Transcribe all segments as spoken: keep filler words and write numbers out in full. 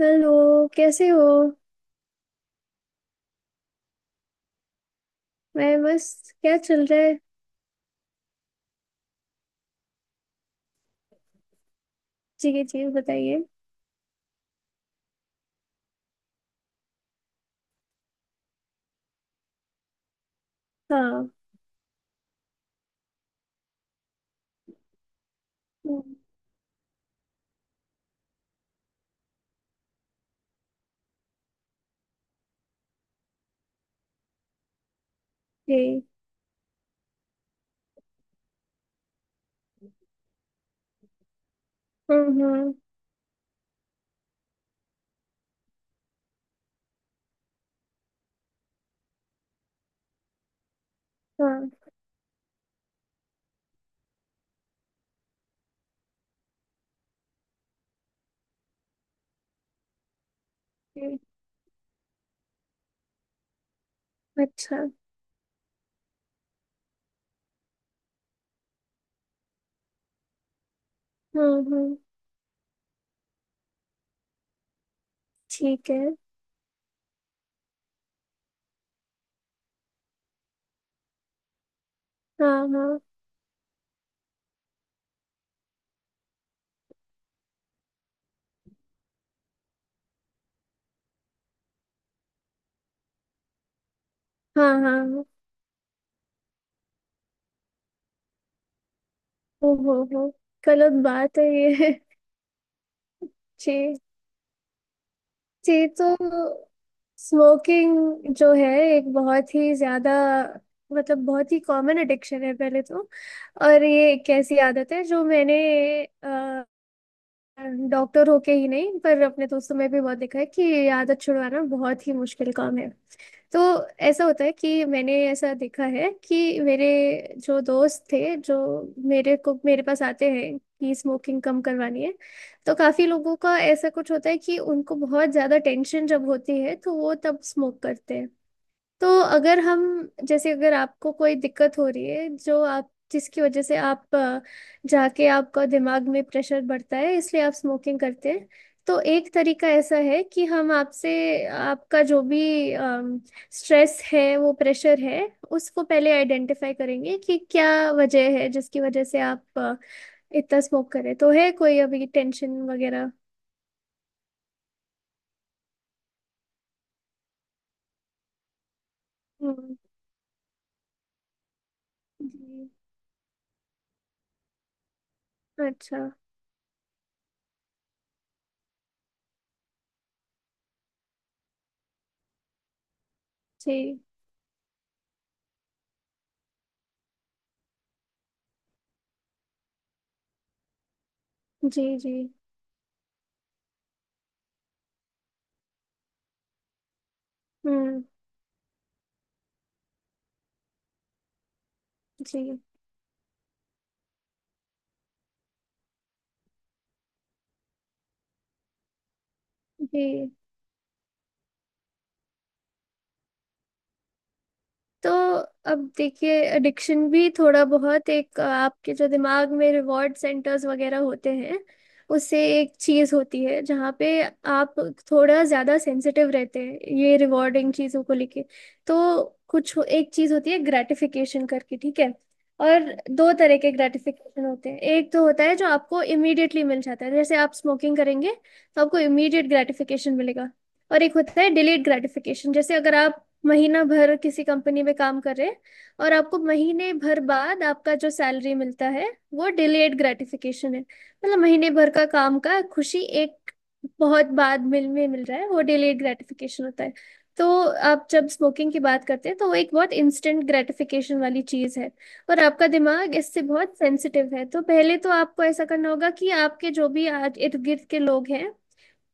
Hello. कैसे हो। मैं बस। क्या चल रहा है। जी जी जी, बताइए। हाँ। हम्म। जी। हम्म हम्म। हाँ। जी, अच्छा। हम्म हम्म। ठीक है। हाँ हाँ हाँ। हाँ हाँ, ओ हो हो। गलत बात है ये जी। जी। तो स्मोकिंग जो है एक बहुत ही ज्यादा, मतलब बहुत ही कॉमन एडिक्शन है पहले तो। और ये एक ऐसी आदत है जो मैंने डॉक्टर होके ही नहीं पर अपने दोस्तों में भी बहुत देखा है कि ये आदत छुड़वाना बहुत ही मुश्किल काम है। तो ऐसा होता है कि मैंने ऐसा देखा है कि मेरे जो दोस्त थे जो मेरे को मेरे पास आते हैं कि स्मोकिंग कम करवानी है, तो काफी लोगों का ऐसा कुछ होता है कि उनको बहुत ज्यादा टेंशन जब होती है तो वो तब स्मोक करते हैं। तो अगर हम, जैसे अगर आपको कोई दिक्कत हो रही है जो आप जिसकी वजह से आप अ, जाके आपका दिमाग में प्रेशर बढ़ता है इसलिए आप स्मोकिंग करते हैं। तो एक तरीका ऐसा है कि हम आपसे आपका जो भी स्ट्रेस है वो प्रेशर है उसको पहले आइडेंटिफाई करेंगे कि क्या वजह है जिसकी वजह से आप अ, इतना स्मोक करें, तो है कोई अभी टेंशन वगैरह। हम्म। जी, अच्छा। जी जी जी। हम्म। जी। जी। तो अब देखिए एडिक्शन भी थोड़ा बहुत एक अ, आपके जो दिमाग में रिवॉर्ड सेंटर्स वगैरह होते हैं, उससे एक चीज़ होती है जहाँ पे आप थोड़ा ज़्यादा सेंसिटिव रहते हैं ये रिवॉर्डिंग चीज़ों को लेके। तो कुछ हो- एक चीज़ होती है ग्रेटिफिकेशन करके, ठीक है। और दो तरह के ग्रेटिफिकेशन होते हैं, एक तो होता है जो आपको इमीडिएटली मिल जाता है जैसे आप स्मोकिंग करेंगे तो आपको इमीडिएट ग्रेटिफिकेशन मिलेगा। और एक होता है डिलेड ग्रेटिफिकेशन, जैसे अगर आप महीना भर किसी कंपनी में काम कर रहे हैं और आपको महीने भर बाद आपका जो सैलरी मिलता है वो डिलेड ग्रेटिफिकेशन है, मतलब महीने भर का काम का खुशी एक बहुत बाद मिल में मिल रहा है वो डिलेड ग्रेटिफिकेशन होता है। तो आप जब स्मोकिंग की बात करते हैं तो वो एक बहुत इंस्टेंट ग्रेटिफिकेशन वाली चीज है, और आपका दिमाग इससे बहुत सेंसिटिव है, तो पहले तो आपको ऐसा करना होगा कि आपके जो भी आज इर्द गिर्द के लोग हैं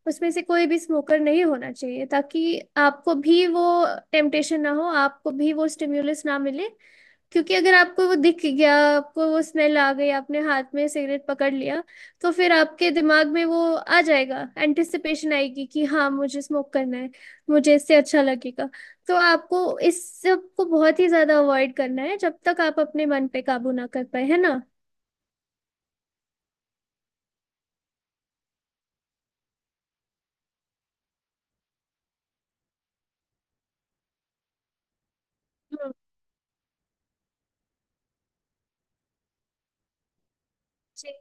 उसमें से कोई भी स्मोकर नहीं होना चाहिए, ताकि आपको भी वो टेम्पटेशन ना हो, आपको भी वो स्टिम्युलस ना मिले। क्योंकि अगर आपको वो दिख गया, आपको वो स्मेल आ गई, आपने हाथ में सिगरेट पकड़ लिया, तो फिर आपके दिमाग में वो आ जाएगा, एंटिसिपेशन आएगी कि हाँ मुझे स्मोक करना है, मुझे इससे अच्छा लगेगा। तो आपको इस सब को बहुत ही ज्यादा अवॉइड करना है जब तक आप अपने मन पे काबू ना कर पाए, है ना। हम्म। जी।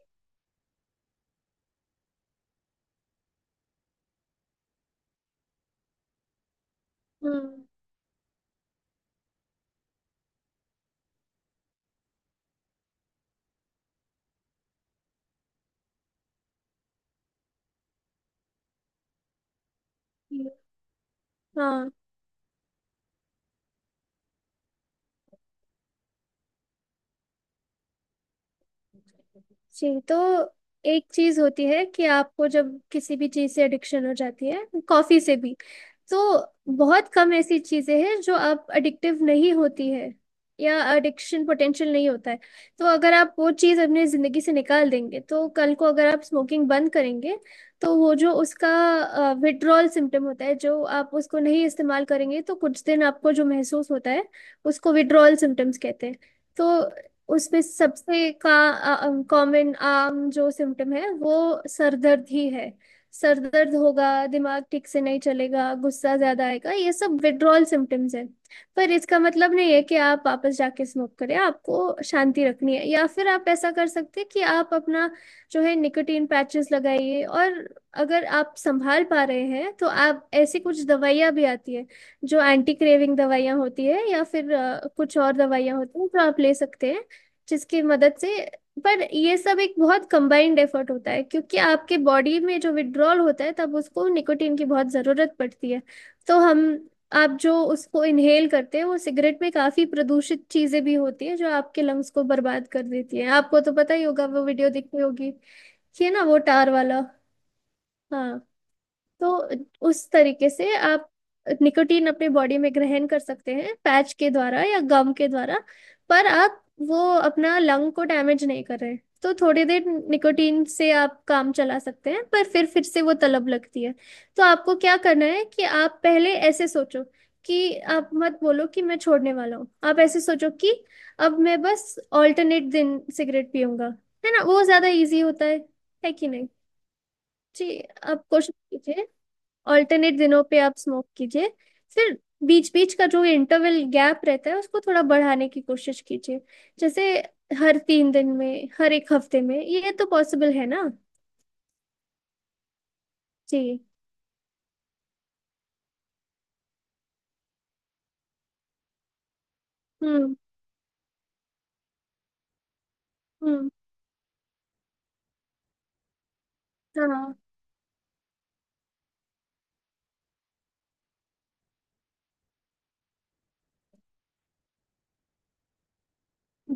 हम्म हम्म, हाँ। जी। तो एक चीज होती है कि आपको जब किसी भी चीज से एडिक्शन हो जाती है, कॉफी से भी, तो बहुत कम ऐसी चीजें हैं जो आप एडिक्टिव नहीं होती है या एडिक्शन पोटेंशियल नहीं होता है। तो अगर आप वो चीज अपनी जिंदगी से निकाल देंगे तो कल को अगर आप स्मोकिंग बंद करेंगे तो वो जो उसका विड्रॉल सिम्टम होता है, जो आप उसको नहीं इस्तेमाल करेंगे तो कुछ दिन आपको जो महसूस होता है उसको विड्रॉल सिम्टम्स कहते हैं। तो उसमें सबसे का कॉमन आम जो सिम्टम है वो सर दर्द ही है। सर दर्द होगा, दिमाग ठीक से नहीं चलेगा, गुस्सा ज्यादा आएगा, ये सब विड्रॉल सिम्टम्स है। पर इसका मतलब नहीं है कि आप वापस जाके स्मोक करें, आपको शांति रखनी है, या फिर आप ऐसा कर सकते हैं कि आप अपना जो है निकोटीन पैचेस लगाइए। और अगर आप संभाल पा रहे हैं तो आप ऐसी कुछ दवाइयाँ भी आती है जो एंटी क्रेविंग दवाइयाँ होती है, या फिर अ, कुछ और दवाइयाँ होती हैं जो आप ले सकते हैं जिसकी मदद से। पर ये सब एक बहुत कंबाइंड एफर्ट होता है क्योंकि आपके बॉडी में जो विड्रॉल होता है तब उसको निकोटीन की बहुत ज़रूरत पड़ती है। तो हम, आप जो उसको इनहेल करते हैं वो सिगरेट में काफ़ी प्रदूषित चीज़ें भी होती है जो आपके लंग्स को बर्बाद कर देती है, आपको तो पता ही होगा वो वीडियो देखी होगी कि है ना वो टार वाला। हाँ। तो उस तरीके से आप निकोटीन अपने बॉडी में ग्रहण कर सकते हैं पैच के द्वारा या गम के द्वारा, पर आप वो अपना लंग को डैमेज नहीं कर रहे। तो थोड़ी देर निकोटीन से आप काम चला सकते हैं, पर फिर फिर से वो तलब लगती है। तो आपको क्या करना है कि आप पहले ऐसे सोचो कि आप मत बोलो कि मैं छोड़ने वाला हूँ, आप ऐसे सोचो कि अब मैं बस ऑल्टरनेट दिन सिगरेट पीऊंगा, है ना वो ज्यादा इजी होता है है कि नहीं। जी। आप कोशिश कीजिए, ऑल्टरनेट दिनों पे आप स्मोक कीजिए, फिर बीच बीच का जो इंटरवल गैप रहता है उसको थोड़ा बढ़ाने की कोशिश कीजिए। जैसे हर तीन दिन में, हर एक हफ्ते में, ये तो पॉसिबल है ना। जी। हम्म हम्म। हाँ।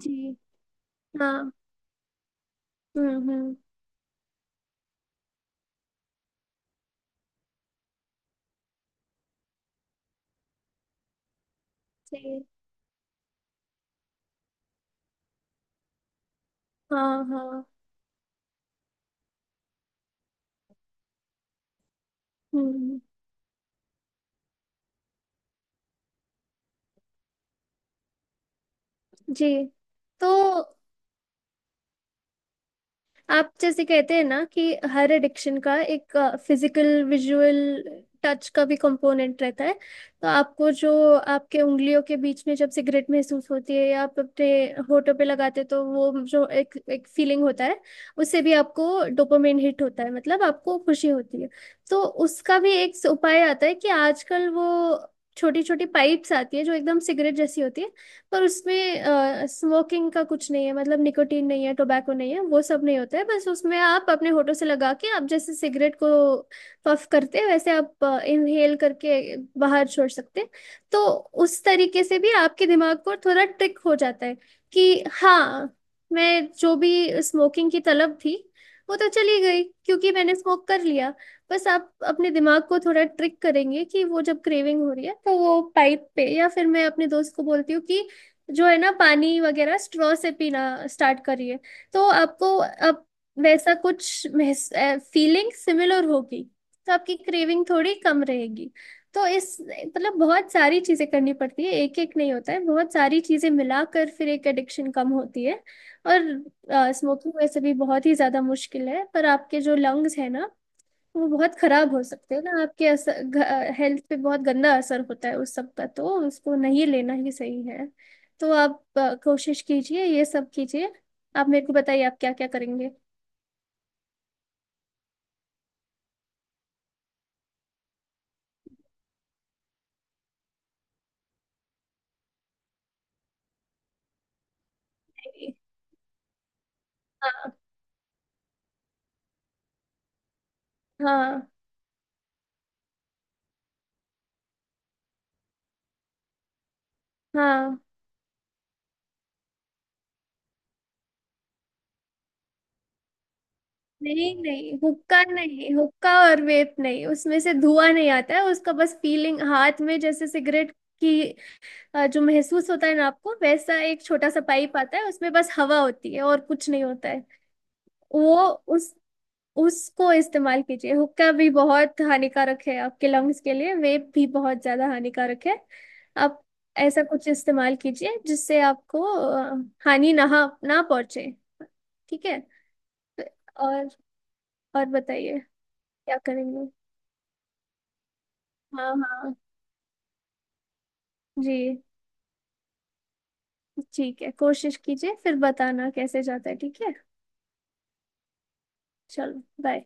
जी। हाँ। हम्म हम्म। जी। हाँ हाँ। हम्म। जी। तो आप जैसे कहते हैं ना कि हर एडिक्शन का एक फिजिकल विजुअल टच का भी कंपोनेंट रहता है। तो आपको जो आपके उंगलियों के बीच में जब सिगरेट महसूस होती है या आप अपने होठों पे लगाते हैं, तो वो जो एक एक फीलिंग होता है उससे भी आपको डोपामिन हिट होता है, मतलब आपको खुशी होती है। तो उसका भी एक उपाय आता है कि आजकल वो छोटी छोटी पाइप्स आती है जो एकदम सिगरेट जैसी होती है। पर उसमें स्मोकिंग का कुछ नहीं है, मतलब निकोटीन नहीं है, टोबैको नहीं है, वो सब नहीं होता है, बस उसमें आप अपने होठों से लगा के आप जैसे सिगरेट को पफ करते हैं वैसे आप इनहेल करके बाहर छोड़ सकते हैं। तो उस तरीके से भी आपके दिमाग को थोड़ा ट्रिक हो जाता है कि हाँ, मैं जो भी स्मोकिंग की तलब थी वो तो चली गई क्योंकि मैंने स्मोक कर लिया। बस आप अपने दिमाग को थोड़ा ट्रिक करेंगे कि वो जब क्रेविंग हो रही है तो वो पाइप पे, या फिर मैं अपने दोस्त को बोलती हूँ कि जो है ना पानी वगैरह स्ट्रॉ से पीना स्टार्ट करिए, तो आपको अब वैसा कुछ फीलिंग सिमिलर होगी तो आपकी क्रेविंग थोड़ी कम रहेगी। तो इस, मतलब बहुत सारी चीजें करनी पड़ती है, एक एक नहीं होता है, बहुत सारी चीजें मिलाकर फिर एक एडिक्शन कम होती है। और स्मोकिंग वैसे भी बहुत ही ज्यादा मुश्किल है पर आपके जो लंग्स है ना, तो वो बहुत खराब हो सकते हैं ना, आपके असर हेल्थ पे बहुत गंदा असर होता है उस सब का, तो उसको नहीं लेना ही सही है। तो आप अ, कोशिश कीजिए ये सब कीजिए, आप मेरे को बताइए आप क्या क्या करेंगे। नहीं, हाँ हाँ हाँ। नहीं नहीं, हुक्का नहीं, हुक्का और वेप नहीं, उसमें से धुआं नहीं आता है उसका, बस फीलिंग हाथ में जैसे सिगरेट की अ, जो महसूस होता है ना आपको, वैसा एक छोटा सा पाइप आता है उसमें बस हवा होती है और कुछ नहीं होता है। वो उस उसको इस्तेमाल कीजिए, हुक्का भी बहुत हानिकारक है आपके लंग्स के लिए, वेप भी बहुत ज्यादा हानिकारक है। आप ऐसा कुछ इस्तेमाल कीजिए जिससे आपको अ, हानि ना ना पहुंचे, ठीक है। और और बताइए क्या करेंगे। हाँ हाँ। जी। ठीक है, कोशिश कीजिए फिर बताना कैसे जाता है, ठीक है। चलो बाय।